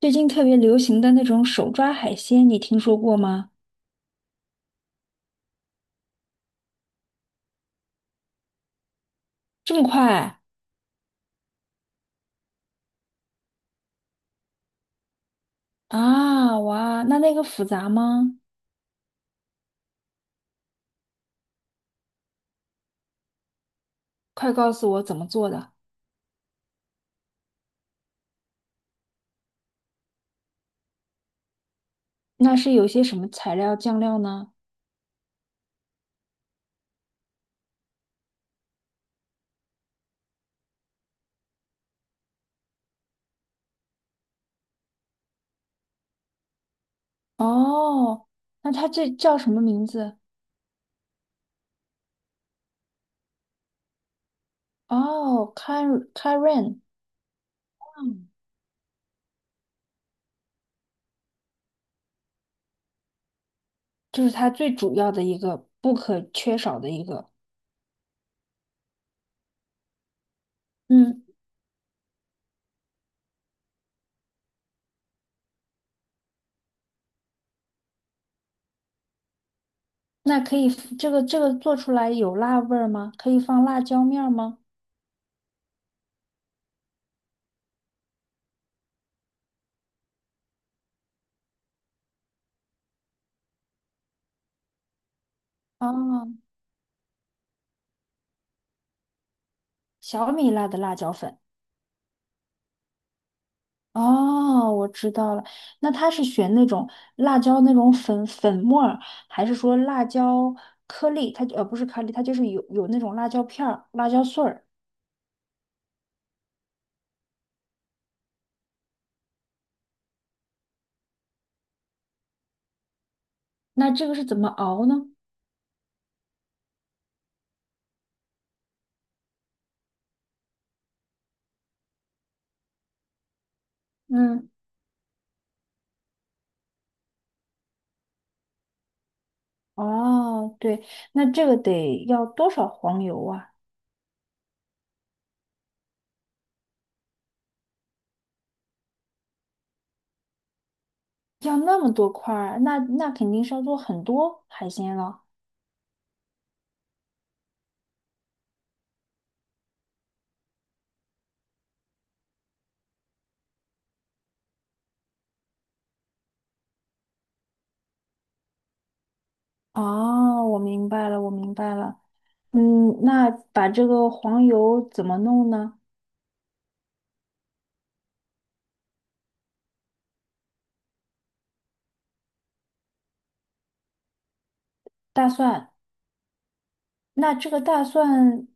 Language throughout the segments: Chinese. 最近特别流行的那种手抓海鲜，你听说过吗？这么快啊！哇，那个复杂吗？快告诉我怎么做的？那是有些什么材料酱料呢？哦，那它这叫什么名字？哦 c a r e a r i n 嗯，就是它最主要的一个不可缺少的一个。嗯，那可以，这个做出来有辣味儿吗？可以放辣椒面儿吗？啊，小米辣的辣椒粉。哦，我知道了。那他是选那种辣椒那种粉粉末儿，还是说辣椒颗粒？它不是颗粒，它就是有那种辣椒片儿、辣椒碎儿。那这个是怎么熬呢？嗯，哦，对，那这个得要多少黄油啊？要那么多块儿，那肯定是要做很多海鲜了。哦，我明白了，我明白了。嗯，那把这个黄油怎么弄呢？大蒜。那这个大蒜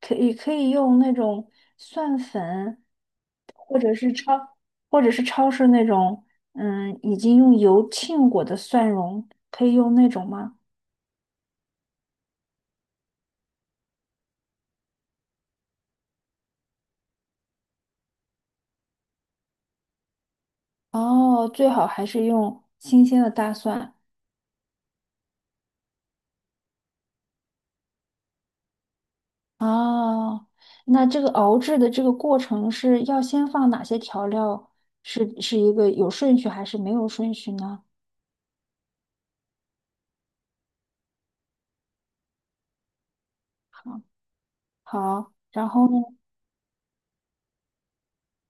可以用那种蒜粉，或者是超或者是超市那种，嗯，已经用油浸过的蒜蓉，可以用那种吗？哦，最好还是用新鲜的大蒜。哦，那这个熬制的这个过程是要先放哪些调料？是一个有顺序还是没有顺序呢？好，好，然后呢？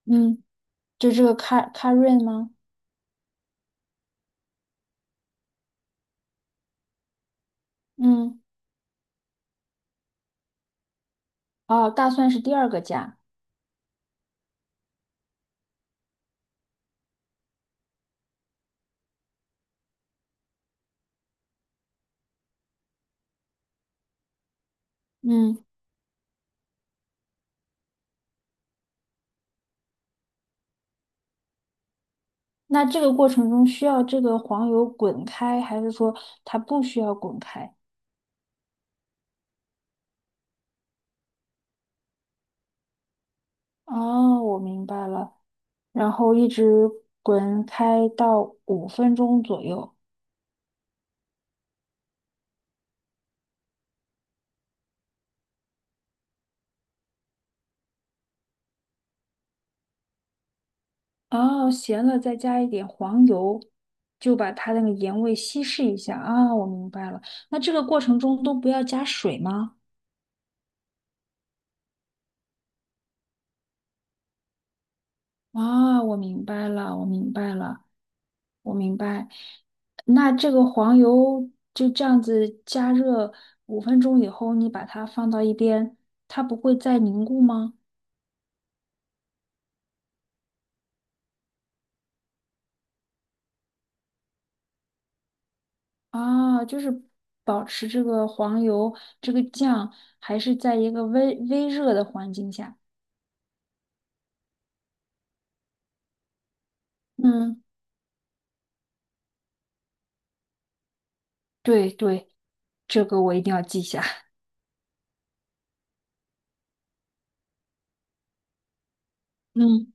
嗯，就这个咖润吗？嗯。哦，大蒜是第二个加。嗯，那这个过程中需要这个黄油滚开，还是说它不需要滚开？哦，我明白了。然后一直滚开到五分钟左右。哦，咸了再加一点黄油，就把它那个盐味稀释一下。啊，我明白了。那这个过程中都不要加水吗？啊，我明白了，我明白了。我明白。那这个黄油就这样子加热五分钟以后，你把它放到一边，它不会再凝固吗？啊，就是保持这个黄油这个酱还是在一个微微热的环境下。嗯，对对，这个我一定要记下。嗯，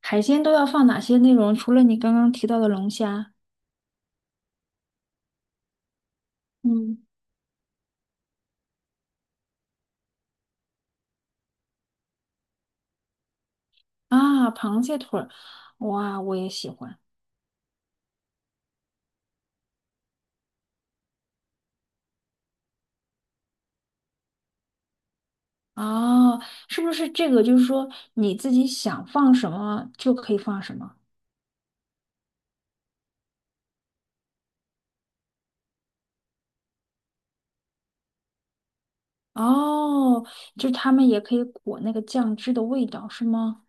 海鲜都要放哪些内容？除了你刚刚提到的龙虾，嗯，啊，螃蟹腿儿，哇，我也喜欢。哦，是不是这个就是说你自己想放什么就可以放什么？哦，就他们也可以裹那个酱汁的味道，是吗？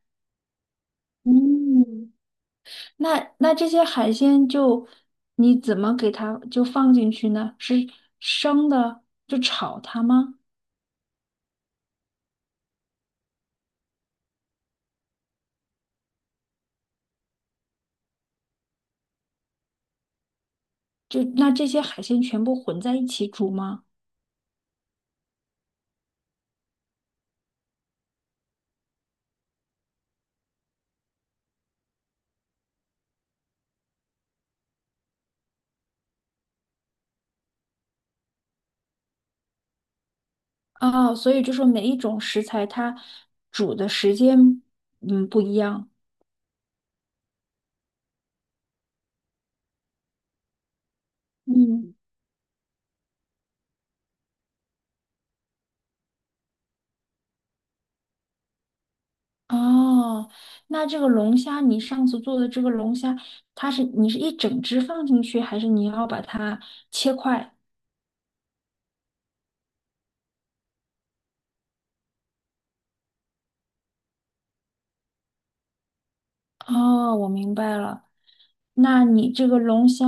嗯，那这些海鲜就你怎么给它就放进去呢？是生的就炒它吗？就那这些海鲜全部混在一起煮吗？哦，所以就说每一种食材它煮的时间嗯不一样。嗯。哦，那这个龙虾，你上次做的这个龙虾，它是你是一整只放进去，还是你要把它切块？哦，我明白了。那你这个龙虾，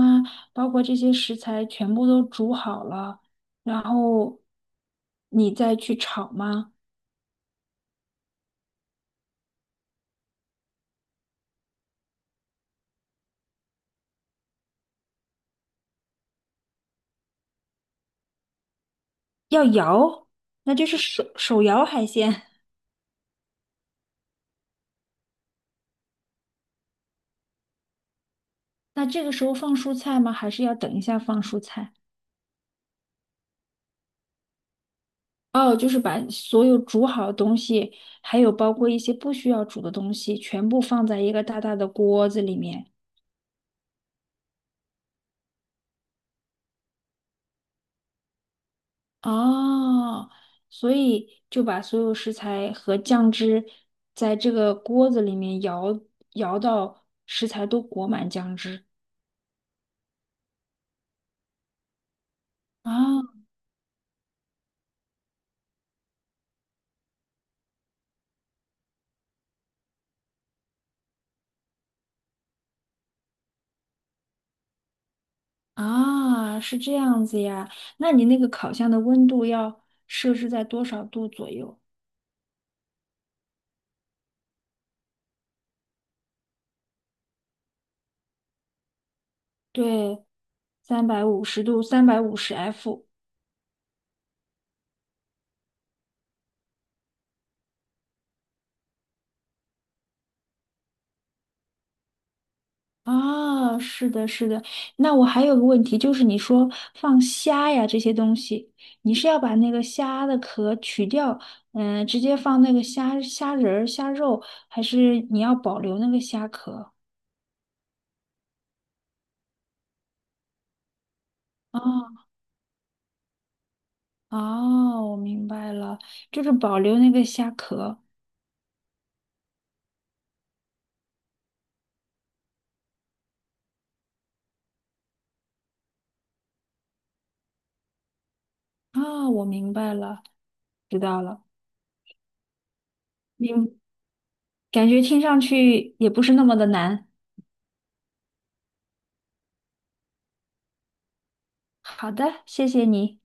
包括这些食材全部都煮好了，然后你再去炒吗？要摇，那就是手摇海鲜。那这个时候放蔬菜吗？还是要等一下放蔬菜？哦，就是把所有煮好的东西，还有包括一些不需要煮的东西，全部放在一个大大的锅子里面。哦，所以就把所有食材和酱汁在这个锅子里面摇摇到食材都裹满酱汁。啊啊，是这样子呀。那你那个烤箱的温度要设置在多少度左右？对，350度，350°F。啊，是的，是的。那我还有个问题，就是你说放虾呀这些东西，你是要把那个虾的壳取掉，嗯，直接放那个虾仁儿、虾肉，还是你要保留那个虾壳？哦哦，我明白了，就是保留那个虾壳。啊，我明白了，知道了。明，感觉听上去也不是那么的难。好的，谢谢你。